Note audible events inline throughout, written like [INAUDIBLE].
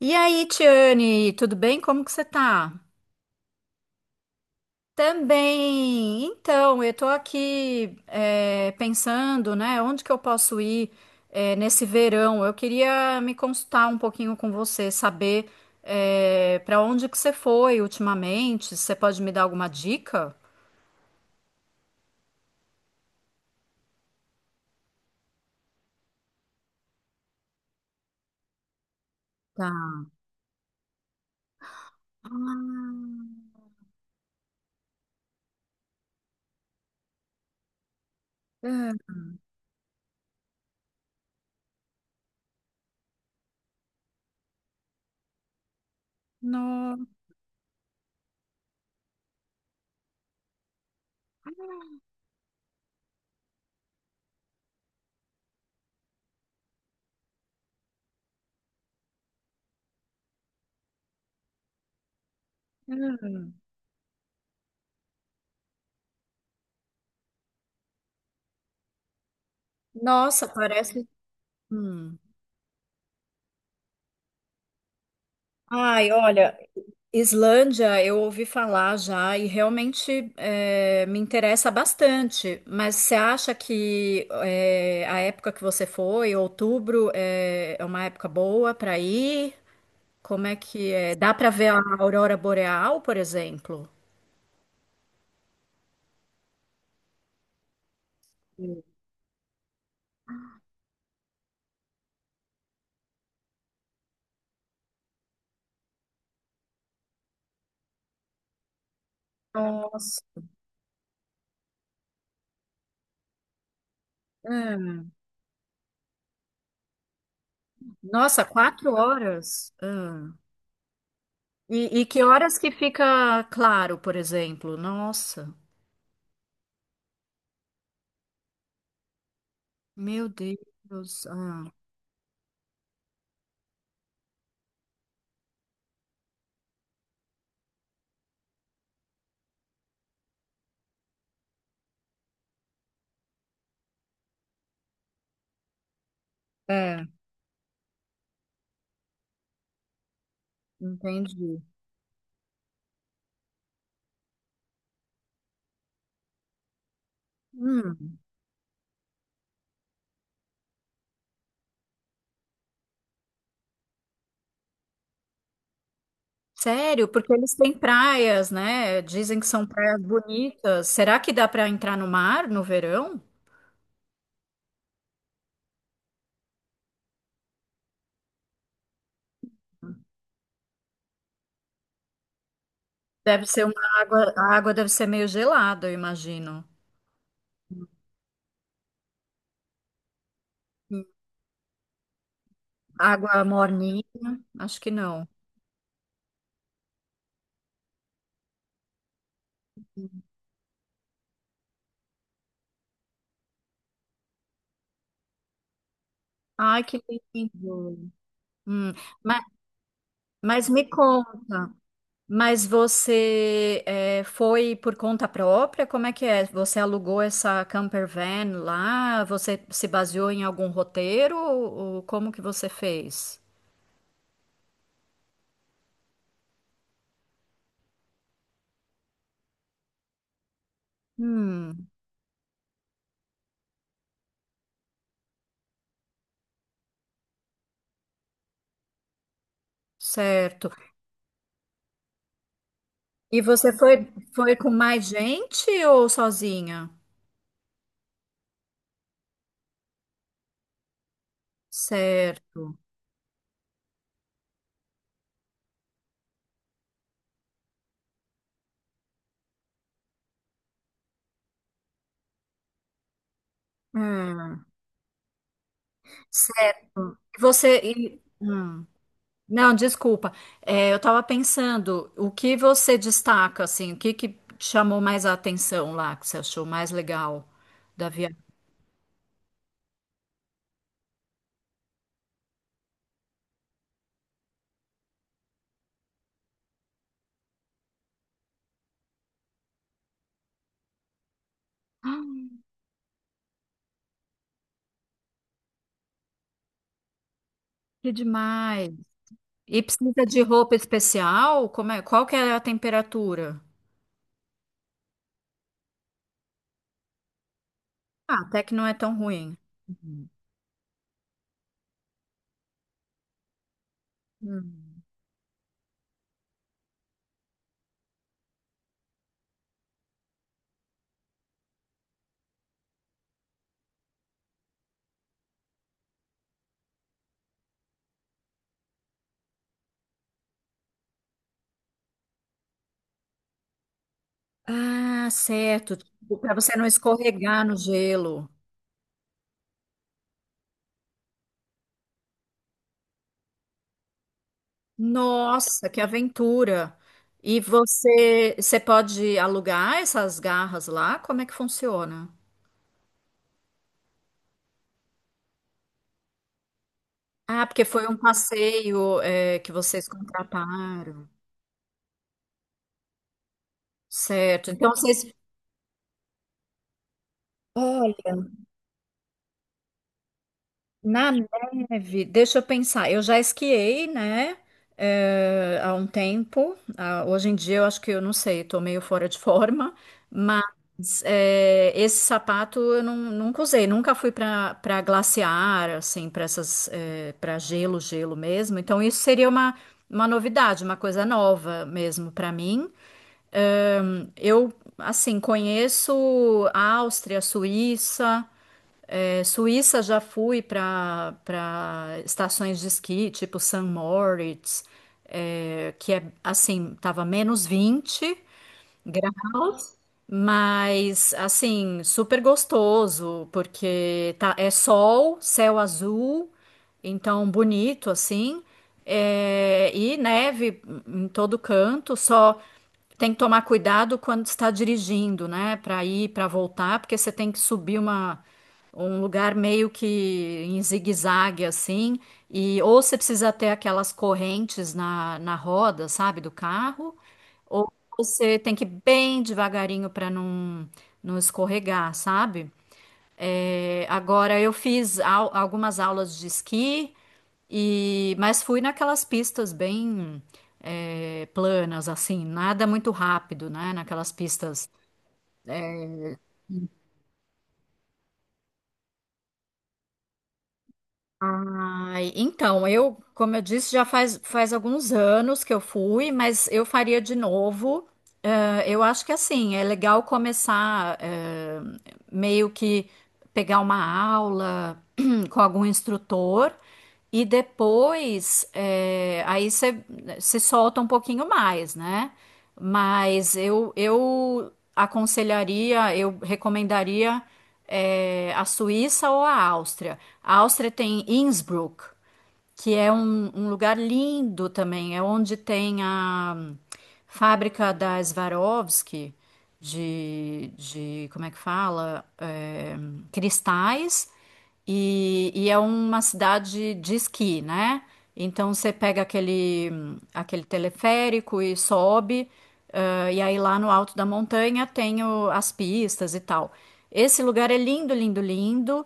E aí, Tiane, tudo bem? Como que você tá? Também. Então, eu tô aqui pensando, né, onde que eu posso ir nesse verão? Eu queria me consultar um pouquinho com você, saber para onde que você foi ultimamente. Você pode me dar alguma dica? Tá. Ah, é, no- hum. Nossa, parece. Hum. Ai, olha, Islândia, eu ouvi falar já e realmente me interessa bastante. Mas você acha que a época que você foi, outubro, é uma época boa para ir? Como é que é? Dá para ver a aurora boreal, por exemplo? Nossa. Hum. Nossa, 4 horas. E que horas que fica claro, por exemplo? Nossa, meu Deus. Ah, é, entendi. Hum. Sério? Porque eles têm praias, né? Dizem que são praias bonitas. Será que dá para entrar no mar no verão? Deve ser uma água, a água deve ser meio gelada, eu imagino. Hum. Água morninha? Acho que não. Ai, que lindo. Hum, ma- Mas, me conta, mas você foi por conta própria? Como é que é? Você alugou essa camper van lá? Você se baseou em algum roteiro? Ou como que você fez? Hum. Certo. E você foi com mais gente ou sozinha? Certo. Hum, certo. E você. Hum. Não, desculpa. Eu estava pensando, o que você destaca, assim, o que que te chamou mais a atenção lá, que você achou mais legal da viagem? Que demais. E precisa de roupa especial? Como é? Qual que é a temperatura? Ah, até que não é tão ruim. Uhum. Hum. Ah, certo. Para você não escorregar no gelo. Nossa, que aventura! E você pode alugar essas garras lá? Como é que funciona? Ah, porque foi um passeio, que vocês contrataram. Certo. Então vocês, olha, na neve, deixa eu pensar. Eu já esquiei, né? Há um tempo. Ah, hoje em dia eu acho que eu não sei, tô meio fora de [LAUGHS] forma. Mas esse sapato eu não, nunca usei. Nunca fui para glaciar, assim, para gelo, gelo mesmo. Então isso seria uma novidade, uma coisa nova mesmo para mim. Eh, eu assim conheço a Áustria, Suíça. Suíça já fui para estações de esqui, tipo St. Moritz, que é assim, tava -20 graus, mas assim, super gostoso, porque tá, é sol, céu azul, então bonito assim, e neve em todo canto, só tem que tomar cuidado quando está dirigindo, né, para ir, para voltar, porque você tem que subir uma um lugar meio que em zigue-zague assim, e ou você precisa ter aquelas correntes na roda, sabe, do carro, você tem que ir bem devagarinho para não, não escorregar, sabe? Agora eu fiz algumas aulas de esqui e mas fui naquelas pistas bem planas, assim, nada muito rápido, né? Naquelas pistas. Ai, então, eu, como eu disse, já faz alguns anos que eu fui, mas eu faria de novo. Eu acho que assim, é legal começar, meio que pegar uma aula [CLEARS THROAT] com algum instrutor e depois, aí você se solta um pouquinho mais, né? Mas eu aconselharia, eu recomendaria a Suíça ou a Áustria. A Áustria tem Innsbruck, que é um lugar lindo também, é onde tem a fábrica da Swarovski de como é que fala? É, cristais, e é uma cidade de esqui, né? Então você pega aquele teleférico e sobe, e aí lá no alto da montanha tem as pistas e tal. Esse lugar é lindo, lindo, lindo.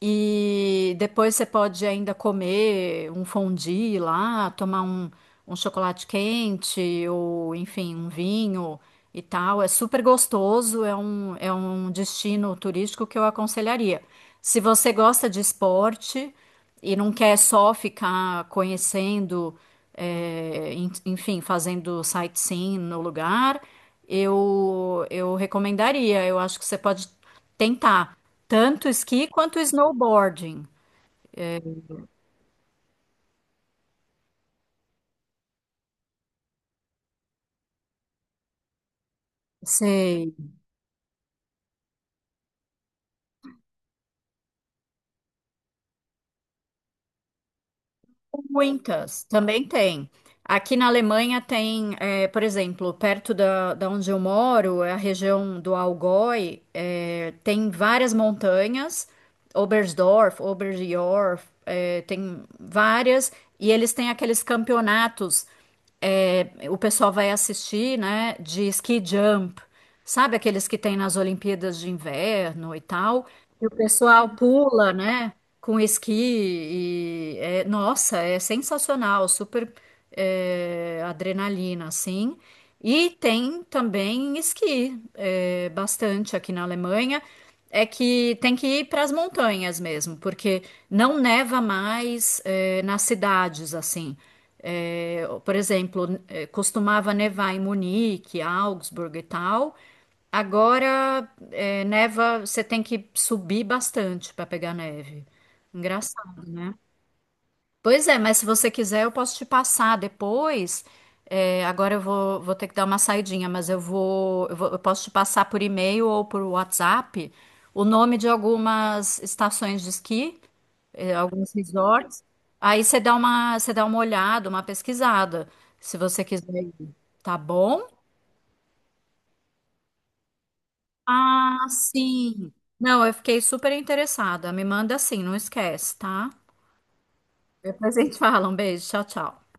E depois você pode ainda comer um fondue lá, tomar um, um chocolate quente ou, enfim, um vinho e tal. É super gostoso, é um destino turístico que eu aconselharia. Se você gosta de esporte e não quer só ficar conhecendo, enfim, fazendo sightseeing no lugar, eu recomendaria. Eu acho que você pode tentar tanto esqui quanto snowboarding. Sei. Muitas, também tem. Aqui na Alemanha tem, por exemplo, perto da onde eu moro, é a região do Allgäu, tem várias montanhas, Oberstdorf, Oberjoch, tem várias, e eles têm aqueles campeonatos, o pessoal vai assistir, né, de ski jump, sabe aqueles que tem nas Olimpíadas de Inverno e tal, e o pessoal pula, né? Com esqui e nossa, é sensacional, super adrenalina, assim. E tem também esqui, bastante aqui na Alemanha. É que tem que ir para as montanhas mesmo, porque não neva mais nas cidades assim. É, por exemplo, costumava nevar em Munique, Augsburg e tal. Agora, neva, você tem que subir bastante para pegar neve. Engraçado, né? Pois é, mas se você quiser, eu posso te passar depois. Agora eu vou ter que dar uma saidinha, mas eu posso te passar por e-mail ou por WhatsApp o nome de algumas estações de esqui, alguns resorts. Aí você dá uma olhada, uma pesquisada, se você quiser ir. Tá bom? Ah, sim. Não, eu fiquei super interessada. Me manda assim, não esquece, tá? Depois a gente fala. Um beijo, tchau, tchau.